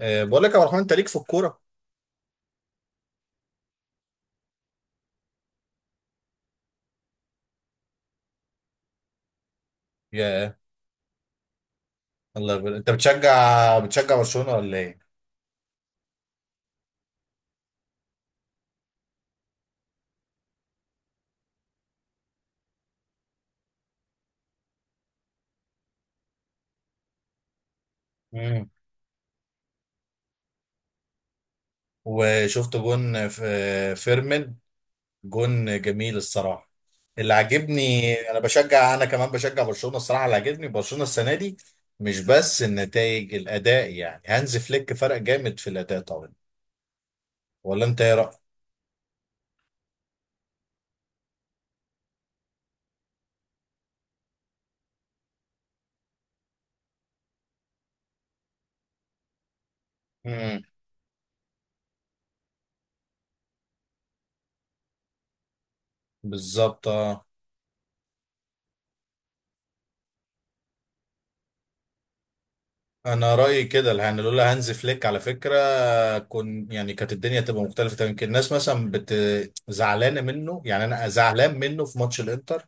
بقول لك يا عبد الرحمن، انت ليك في الكوره؟ يا الله يبارك. انت بتشجع برشلونه ولا ايه؟ امم وشفت جون في فيرمين. جون جميل الصراحه. اللي عاجبني، انا كمان بشجع برشلونه الصراحه. اللي عاجبني برشلونه السنه دي مش بس النتائج، الاداء. يعني هانز فليك فرق جامد في الاداء طبعا. ولا انت ايه رايك؟ امم. بالظبط آه. انا رايي كده، يعني لولا هانز فليك على فكره كن يعني كانت الدنيا تبقى مختلفه تماما. يمكن الناس مثلا زعلانه منه. يعني انا زعلان منه في ماتش الانتر،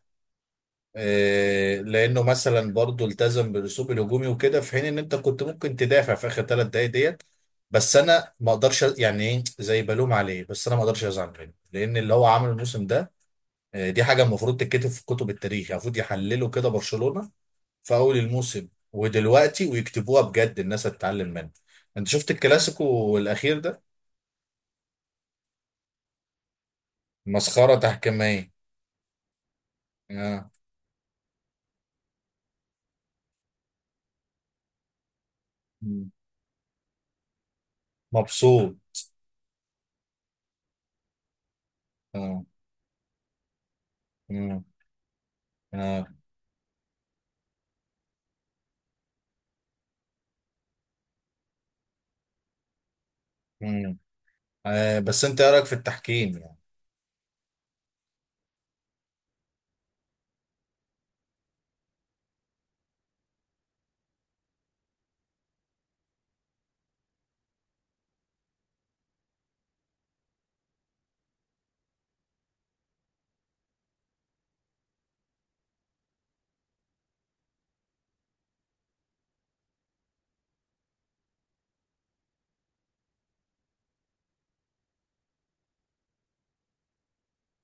لانه مثلا برضه التزم بالاسلوب الهجومي وكده، في حين ان انت كنت ممكن تدافع في اخر 3 دقائق ديت. بس انا ما اقدرش أ- يعني ايه زي بلوم عليه. بس انا ما اقدرش ازعل منه، لان اللي هو عمله الموسم ده، دي حاجه المفروض تتكتب في كتب التاريخ. يعني المفروض يحلله كده برشلونه في اول الموسم ودلوقتي، ويكتبوها بجد الناس هتتعلم منها. انت شفت الكلاسيكو الاخير ده؟ مسخره تحكيميه. آه. مم. مبسوط. آه. مم. آه. مم. آه. بس انت ايه رايك في التحكيم يعني؟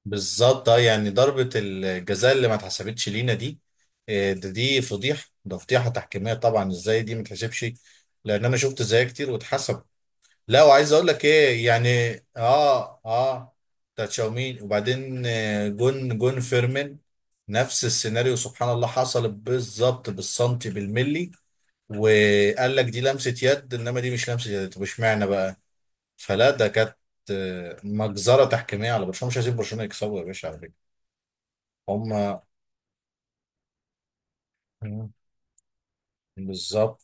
بالظبط. اه يعني ضربه الجزاء اللي ما اتحسبتش لينا دي، ده دي فضيحه، ده فضيحه تحكيميه طبعا. ازاي دي ما اتحسبش؟ لان انا شفت زيها كتير واتحسب. لا، وعايز اقول لك ايه يعني. اه اه. بتاع تشاومين وبعدين، جون فيرمين، نفس السيناريو. سبحان الله حصل بالظبط بالسنتي بالملي. وقال لك دي لمسة يد، انما دي مش لمسة يد. طب اشمعنى بقى؟ فلا، ده كانت، مجزرة تحكيمية على برشلونة. مش هسيب برشلونة يكسبوا يا باشا على فكرة. هما. مم. بالظبط.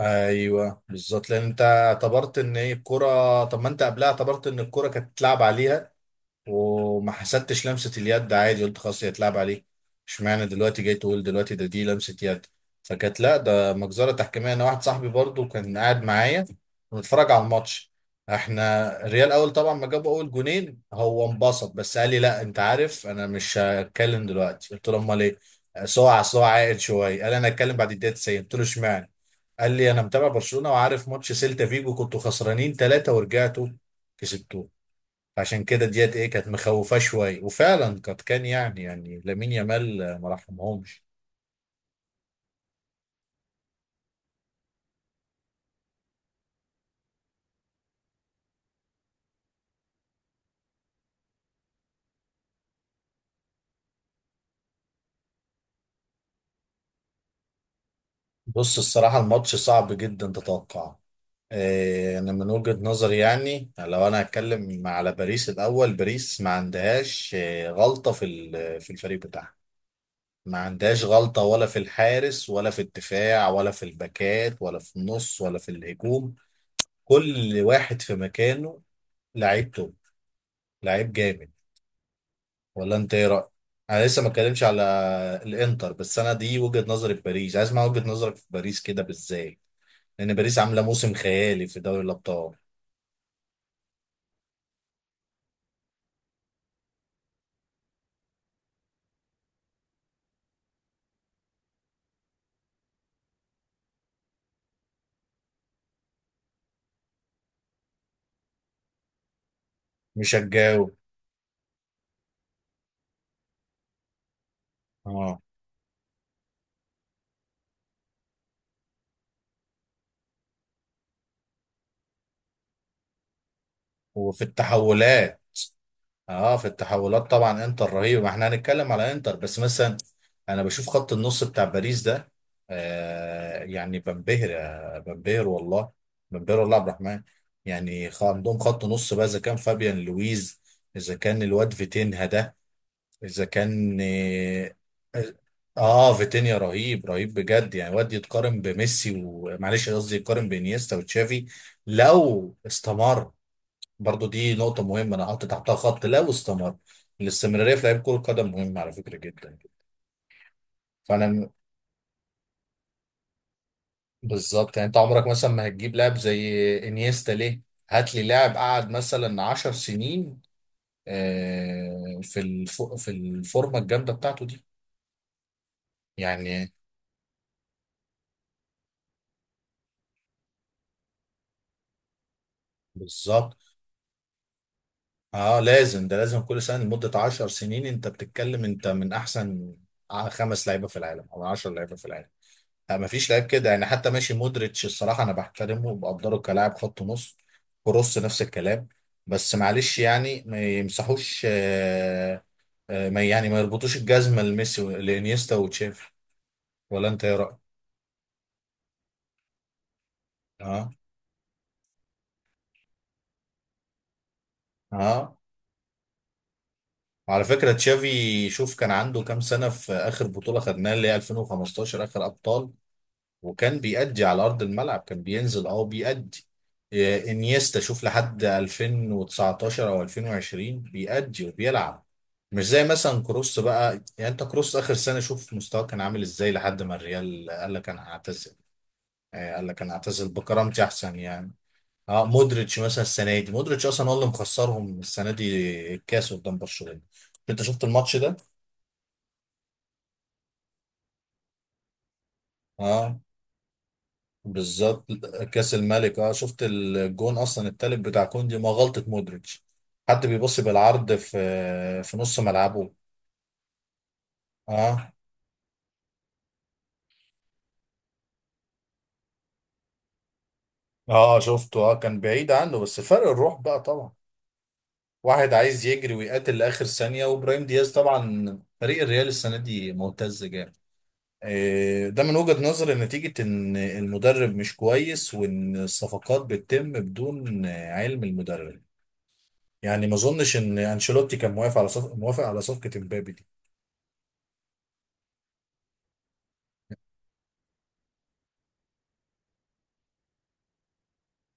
ايوه بالظبط، لان انت اعتبرت ان ايه الكرة. طب ما انت قبلها اعتبرت ان الكرة كانت اتلعب عليها، وما حسدتش لمسة اليد عادي. قلت خلاص هي اتلعب عليه. اشمعنى دلوقتي جاي تقول دلوقتي ده دي لمسة يد؟ فكانت لا، ده مجزرة تحكيمية. انا واحد صاحبي برضو كان قاعد معايا ونتفرج على الماتش. احنا الريال، اول طبعا ما جابوا اول جونين، هو انبسط، بس قال لي لا، انت عارف انا مش هتكلم دلوقتي. قلت له امال ايه؟ أصل هو عاقل شويه. قال انا هتكلم بعد الدقيقه 90. قلت له اشمعنى؟ قال لي انا متابع برشلونه، وعارف ماتش سيلتا فيجو كنتوا خسرانين 3 ورجعتوا كسبتوا. عشان كده ديت ايه كانت مخوفاه شويه، وفعلا قد كان يعني لامين يامال ما رحمهمش. بص الصراحه الماتش صعب جدا تتوقع. انا من وجهه نظري، يعني لو انا هتكلم على باريس الاول. باريس ما عندهاش غلطه في الفريق بتاعها. ما عندهاش غلطه، ولا في الحارس، ولا في الدفاع، ولا في الباكات، ولا في النص، ولا في الهجوم. كل واحد في مكانه. لعيب توب. لعيب جامد. ولا انت ايه رايك؟ انا لسه ما اتكلمش على الانتر. بس انا دي وجهه نظري في باريس، عايز اسمع وجهه نظرك في باريس كده بالذات، لان باريس عامله موسم خيالي في دوري الابطال. مش هتجاوب. اه. وفي التحولات. اه في التحولات طبعا انتر رهيب. ما احنا هنتكلم على انتر، بس مثلا انا بشوف خط النص بتاع باريس ده، آه يعني بنبهر، بنبهر والله، بنبهر والله عبد الرحمن. يعني عندهم خط نص بقى. اذا كان فابيان لويز، اذا كان الواد فيتينها ده، اذا كان اه فيتينيا رهيب، رهيب بجد. يعني واد يتقارن بميسي، ومعلش قصدي يتقارن بانيستا وتشافي، لو استمر. برضو دي نقطة مهمة انا حاطط تحتها خط، لو استمر. الاستمرارية في لعيب كرة قدم مهمة على فكرة جدا. فانا م- بالظبط. يعني انت عمرك مثلا ما هتجيب لاعب زي انيستا ليه؟ هات لي لاعب قعد مثلا 10 سنين، في الفورمة الجامدة بتاعته دي. يعني بالظبط. اه لازم، ده لازم كل سنه لمده 10 سنين انت بتتكلم، انت من احسن خمس لعيبه في العالم او 10 لعيبه في العالم. آه مفيش لعيب كده، يعني حتى ماشي مودريتش الصراحه انا بحترمه وبقدره كلاعب خط نص. كروس نفس الكلام. بس معلش يعني ما يمسحوش آه. آه ما يعني ما يربطوش الجزمه لميسي لانيستا وتشافي. ولا انت ايه رايك؟ اه اه. وعلى فكره تشافي، شوف كان عنده كام سنه في اخر بطوله خدناها اللي هي 2015، اخر ابطال. وكان بيأدي على أرض الملعب، كان بينزل أه بيأدي. إيه، إنيستا شوف لحد 2019 أو 2020 بيأدي وبيلعب. مش زي مثلا كروس بقى. يعني أنت كروس آخر سنة شوف مستواه كان عامل إزاي، لحد ما الريال قال لك أنا هعتزل، قال لك أنا هعتزل بكرامتي أحسن يعني. أه مودريتش مثلا السنة دي، مودريتش أصلا هو اللي مخسرهم السنة دي الكاس قدام برشلونة. أنت شفت الماتش ده؟ أه. بالظبط. كاس الملك. اه شفت الجون اصلا التالت بتاع كوندي، ما غلطة مودريتش. حد بيبص بالعرض في في نص ملعبه؟ اه. اه شفته، اه كان بعيد عنه، بس فرق الروح بقى طبعا. واحد عايز يجري ويقاتل لاخر ثانية، وابراهيم دياز. طبعا فريق الريال السنة دي ممتاز جامد. ده من وجهة نظري نتيجة ان المدرب مش كويس، وان الصفقات بتتم بدون علم المدرب. يعني ما اظنش ان انشيلوتي كان موافق على موافق على صفقة امبابي دي.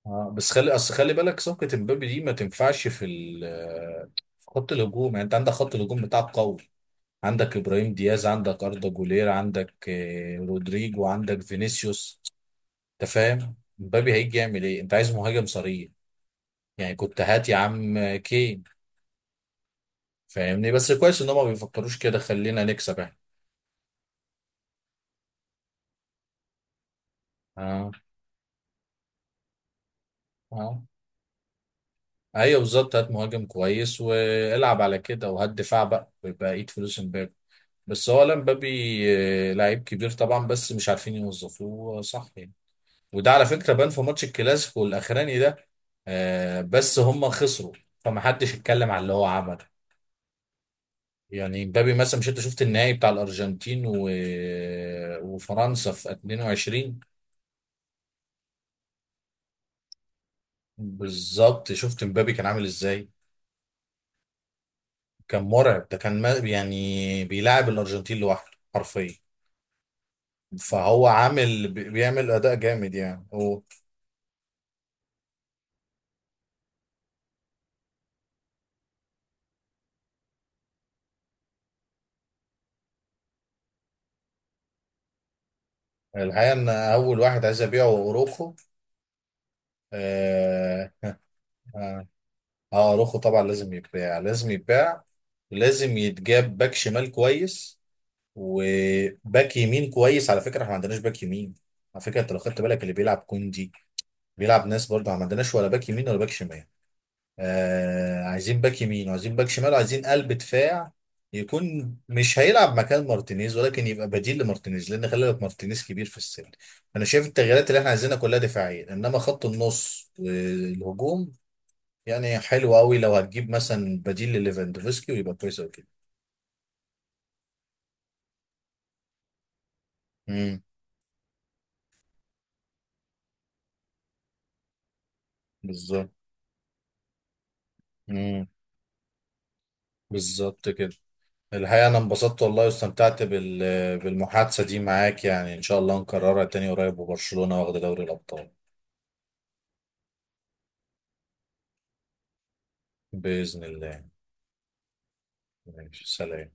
اه بس خلي بالك صفقة امبابي دي ما تنفعش في ال، في خط الهجوم. يعني انت عندك خط الهجوم بتاعك قوي. عندك ابراهيم دياز، عندك اردا جولير، عندك رودريجو، عندك فينيسيوس. انت فاهم امبابي هيجي يعمل ايه؟ انت عايز مهاجم صريح، يعني كنت هات يا عم كين. فاهمني؟ بس كويس ان هم ما بيفكروش كده، خلينا نكسب احنا. اه اه. ايوه بالظبط، هات مهاجم كويس والعب على كده، وهات دفاع بقى بقية فلوس امبابي. بس هو، لا مبابي لعيب كبير طبعا، بس مش عارفين يوظفوه صح يعني. وده على فكرة بان في ماتش الكلاسيكو الاخراني ده، بس هم خسروا، فمحدش اتكلم على اللي هو عمله. يعني مبابي مثلا، مش انت شفت النهائي بتاع الارجنتين وفرنسا في 22؟ بالظبط. شفت مبابي كان عامل ازاي؟ كان مرعب. ده كان ما... يعني بيلاعب الارجنتين لوحده حرفيا. فهو عامل بيعمل اداء جامد يعني. الحقيقة إن أول واحد عايز أبيعه هو أوروخو. آه. آه. أوروخو طبعا لازم يتباع، لازم يتباع. لازم يتجاب باك شمال كويس، وباك يمين كويس على فكرة. إحنا ما عندناش باك يمين على فكرة. أنت لو خدت بالك اللي بيلعب كوندي، بيلعب ناس. برضه ما عندناش ولا باك يمين ولا باك شمال. آه عايزين باك يمين، وعايزين باك شمال، وعايزين قلب دفاع يكون مش هيلعب مكان مارتينيز، ولكن يبقى بديل لمارتينيز، لان خلي بالك مارتينيز كبير في السن. انا شايف التغييرات اللي احنا عايزينها كلها دفاعيه. انما خط النص والهجوم يعني حلو قوي، لو هتجيب مثلا بديل لليفاندوفسكي ويبقى كويس قوي كده. امم. بالظبط. امم. بالظبط كده. الحقيقه انا انبسطت والله، واستمتعت بالمحادثه دي معاك. يعني ان شاء الله نكررها تاني قريب، وبرشلونه واخد دوري الابطال باذن الله. ماشي، سلام.